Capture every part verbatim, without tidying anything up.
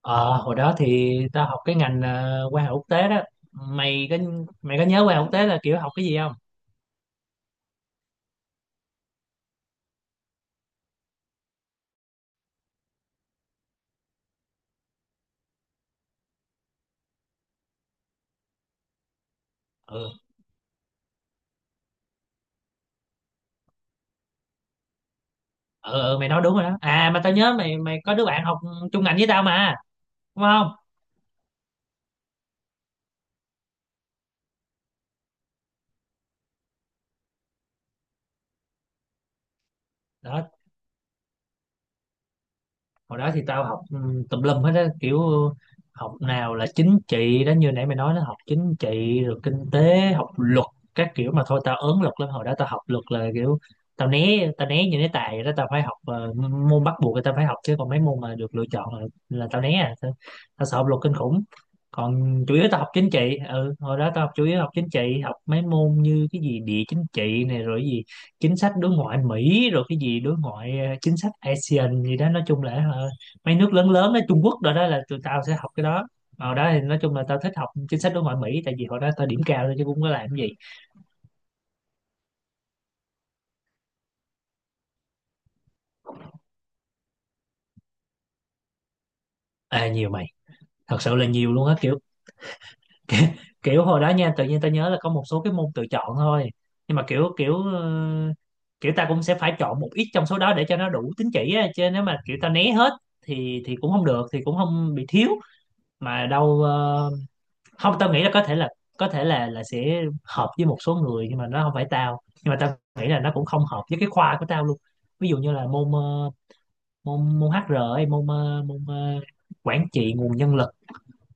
Ờ, hồi đó thì tao học cái ngành ờ, quan hệ quốc tế đó. Mày có mày có nhớ quan hệ quốc tế là kiểu học cái gì không? Ừ, ừ, ừ mày nói đúng rồi đó. À mà tao nhớ mày mày có đứa bạn học chung ngành với tao mà, đúng không? Đó, hồi đó thì tao học ừm, tùm lum hết á, kiểu học nào là chính trị đó, như nãy mày nói nó học chính trị rồi kinh tế, học luật các kiểu. Mà thôi tao ớn luật lắm, hồi đó tao học luật là kiểu tao né tao né như né tài vậy đó. Tao phải học ờ, môn bắt buộc là tao phải học, chứ còn mấy môn mà được lựa chọn là, là tao né à. Tao, tao sợ học luật kinh khủng, còn chủ yếu tao học chính trị. Ừ hồi đó tao học chủ yếu học chính trị, học mấy môn như cái gì địa chính trị này, rồi chính sách đối ngoại Mỹ, rồi cái gì đối ngoại ờ, chính sách a sê an gì đó. Nói chung là ờ, mấy nước lớn lớn đó, Trung Quốc, rồi đó là tụi tao sẽ học cái đó. Ở đó thì nói chung là tao thích học chính sách đối ngoại Mỹ, tại vì hồi đó tao điểm cao thôi chứ cũng có làm cái gì. À, nhiều mày, thật sự là nhiều luôn á kiểu kiểu hồi đó nha, tự nhiên tao nhớ là có một số cái môn tự chọn thôi, nhưng mà kiểu kiểu ờ, kiểu ta cũng sẽ phải chọn một ít trong số đó để cho nó đủ tín chỉ á, chứ nếu mà kiểu ta né hết thì thì cũng không được, thì cũng không bị thiếu mà đâu. ờ, Không, tao nghĩ là có thể là có thể là là sẽ hợp với một số người, nhưng mà nó không phải tao. Nhưng mà tao nghĩ là nó cũng không hợp với cái khoa của tao luôn. Ví dụ như là môn ờ, môn môn hát e rờ ấy, môn ờ, môn ờ, quản trị nguồn nhân lực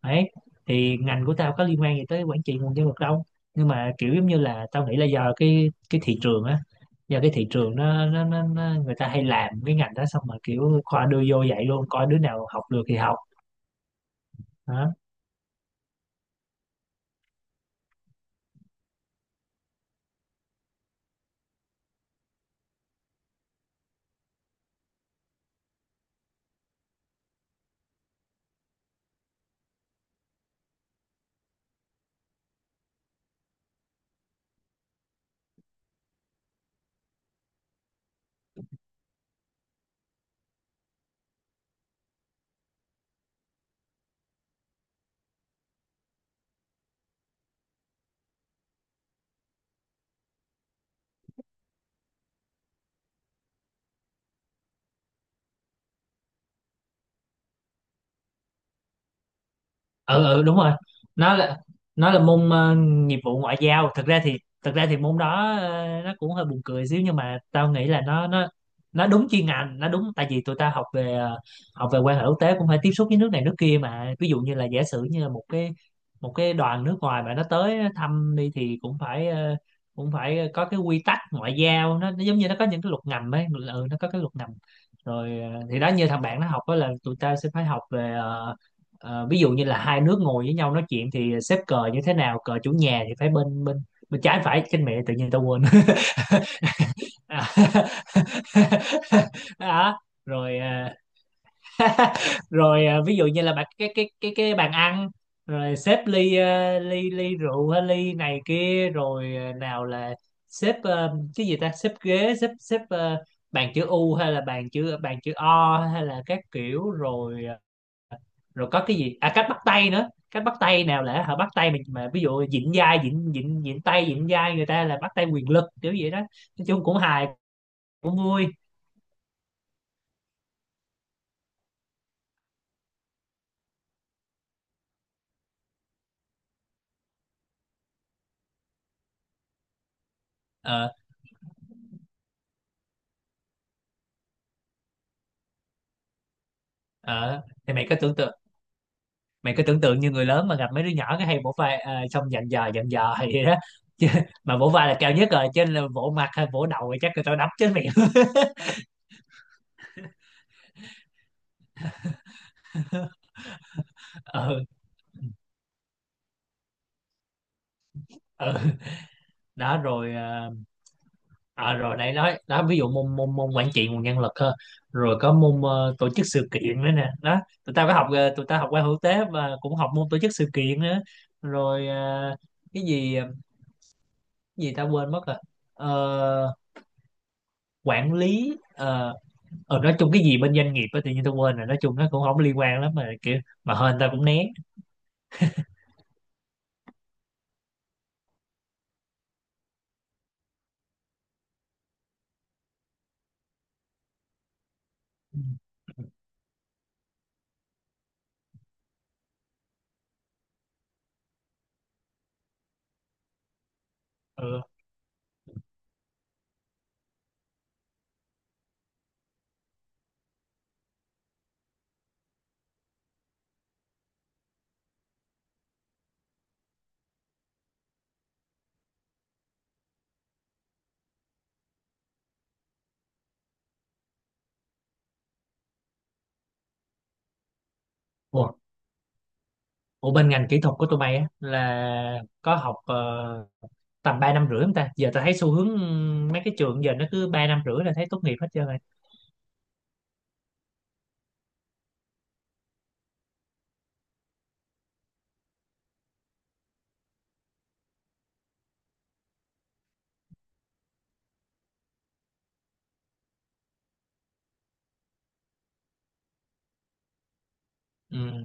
ấy, thì ngành của tao có liên quan gì tới quản trị nguồn nhân lực đâu. Nhưng mà kiểu giống như là tao nghĩ là do cái cái thị trường á, do cái thị trường nó nó, nó, nó người ta hay làm cái ngành đó, xong mà kiểu khoa đưa vô vậy luôn, coi đứa nào học được thì học. Đó, ừ ừ đúng rồi. nó là nó là môn ờ, nghiệp vụ ngoại giao. Thực ra thì thực ra thì môn đó ờ, nó cũng hơi buồn cười xíu, nhưng mà tao nghĩ là nó nó nó đúng chuyên ngành, nó đúng. Tại vì tụi ta học về ờ, học về quan hệ quốc tế cũng phải tiếp xúc với nước này nước kia mà. Ví dụ như là giả sử như là một cái một cái đoàn nước ngoài mà nó tới thăm đi, thì cũng phải ờ, cũng phải có cái quy tắc ngoại giao. Nó, nó giống như nó có những cái luật ngầm ấy, ừ, nó có cái luật ngầm. Rồi ờ, thì đó, như thằng bạn nó học đó, là tụi ta sẽ phải học về ờ, Ờ, ví dụ như là hai nước ngồi với nhau nói chuyện thì xếp cờ như thế nào, cờ chủ nhà thì phải bên bên bên trái, phải trên, mẹ tự nhiên tao quên. À. Đó. Rồi à, rồi à, ví dụ như là bạn cái cái cái cái bàn ăn, rồi xếp ly à, ly ly rượu hay ly này kia, rồi à, nào là xếp ờ, cái gì ta, xếp ghế, xếp xếp ờ, bàn chữ U hay là bàn chữ bàn chữ O hay là các kiểu, rồi ờ, rồi có cái gì, à cách bắt tay nữa. Cách bắt tay, nào là họ bắt tay mà, mà ví dụ vịn vai, vịn vịn vịn tay vịn vai người ta là bắt tay quyền lực kiểu vậy đó. Nói chung cũng hài, cũng vui. Ờ, ờ thì mày có tưởng tượng mày có tưởng tượng như người lớn mà gặp mấy đứa nhỏ cái hay vỗ vai à, xong dặn dò dặn dò hay vậy đó chứ, mà vỗ vai là cao nhất rồi, trên là vỗ mặt hay vỗ đầu thì chắc người ta đấm chết mày. Ừ, ừ. Đó rồi à, à, rồi nãy nói đó, ví dụ môn môn môn quản trị nguồn nhân lực ha, rồi có môn ờ, tổ chức sự kiện nữa nè. Đó tụi tao có học ờ, tụi tao học qua hữu tế và cũng học môn tổ chức sự kiện nữa, rồi ờ, cái gì ờ, cái gì tao quên mất rồi. Ờ, Quản lý ờ ờ, nói chung cái gì bên doanh nghiệp á, tự nhiên tao quên rồi. Nói chung nó cũng không liên quan lắm, mà kiểu mà hên tao cũng né. Ừ. Ủa, ủa bên ngành kỹ thuật của tụi mày á là có học ờ, tầm ba năm rưỡi không ta? Giờ ta thấy xu hướng ừ, mấy cái trường giờ nó cứ ba năm rưỡi là thấy tốt nghiệp hết trơn rồi. Ừ.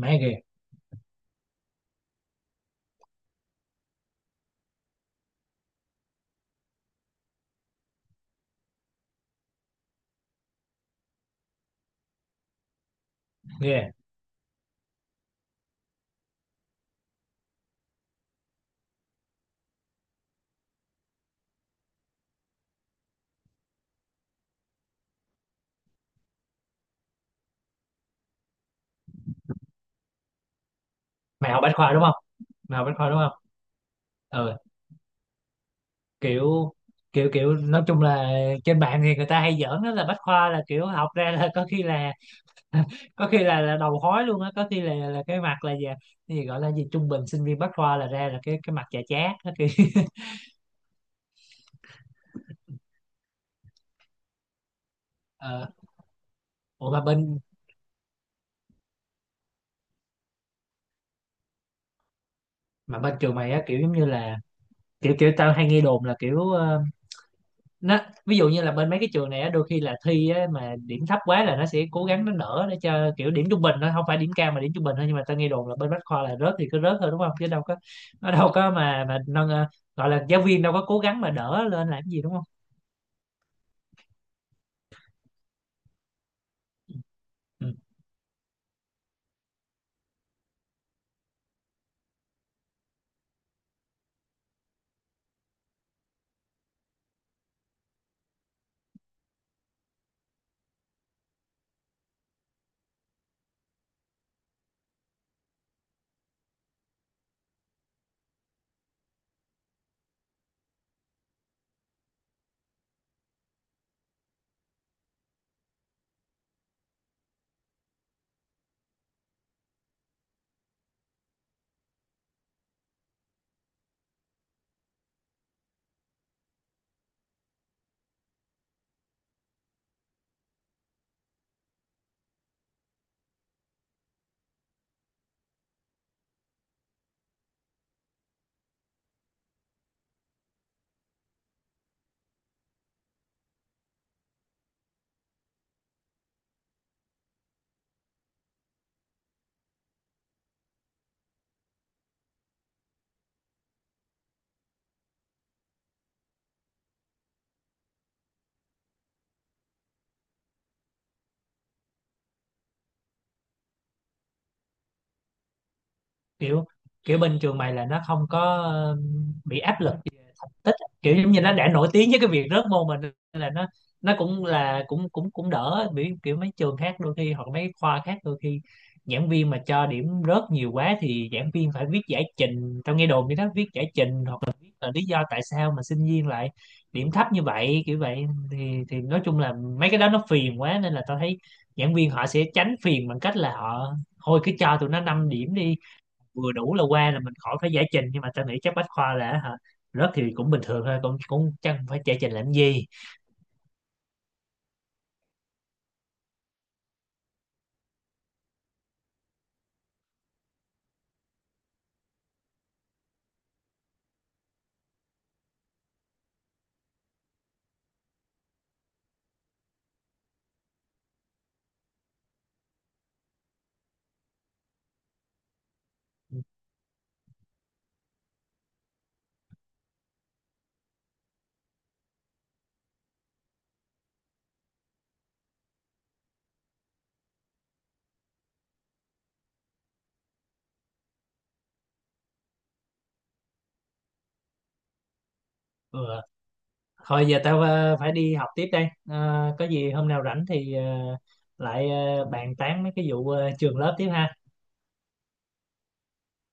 Má ghê. Ghê. mày học bách khoa đúng không Mày học bách khoa đúng không? Ừ. kiểu kiểu kiểu nói chung là, trên mạng thì người ta hay giỡn đó là bách khoa là kiểu học ra là có khi là có khi là là đầu khói luôn á, có khi là là cái mặt là gì, cái gì gọi là gì, trung bình sinh viên bách khoa là ra là cái cái mặt chà chát đó khi. Ờ. ủa mà bên mà bên trường mày á, kiểu giống như là kiểu kiểu tao hay nghe đồn là kiểu ờ, nó ví dụ như là bên mấy cái trường này á, đôi khi là thi á, mà điểm thấp quá là nó sẽ cố gắng nó nở để cho kiểu điểm trung bình, nó không phải điểm cao mà điểm trung bình thôi. Nhưng mà ta nghe đồn là bên Bách Khoa là rớt thì cứ rớt thôi đúng không, chứ đâu có, nó đâu có mà mà nâng. ờ, Gọi là giáo viên đâu có cố gắng mà đỡ lên làm gì, đúng không? Ừ. kiểu Kiểu bên trường mày là nó không có ờ, bị áp lực về thành tích, kiểu giống như nó đã nổi tiếng với cái việc rớt môn mình, nên là nó nó cũng là cũng cũng cũng đỡ bị, kiểu mấy trường khác đôi khi hoặc mấy khoa khác đôi khi giảng viên mà cho điểm rớt nhiều quá thì giảng viên phải viết giải trình. Tao nghe đồn như đó, viết giải trình hoặc là viết là lý do tại sao mà sinh viên lại điểm thấp như vậy, kiểu vậy. thì thì nói chung là mấy cái đó nó phiền quá, nên là tao thấy giảng viên họ sẽ tránh phiền bằng cách là họ thôi cứ cho tụi nó năm điểm đi, vừa đủ là qua là mình khỏi phải giải trình. Nhưng mà tao nghĩ chắc bách khoa là hả, rớt thì cũng bình thường thôi, cũng cũng chẳng phải giải trình làm gì. Ừ. Thôi giờ tao ờ, phải đi học tiếp đây. Ờ, có gì hôm nào rảnh thì ờ, lại ờ, bàn tán mấy cái vụ ờ, trường lớp tiếp ha.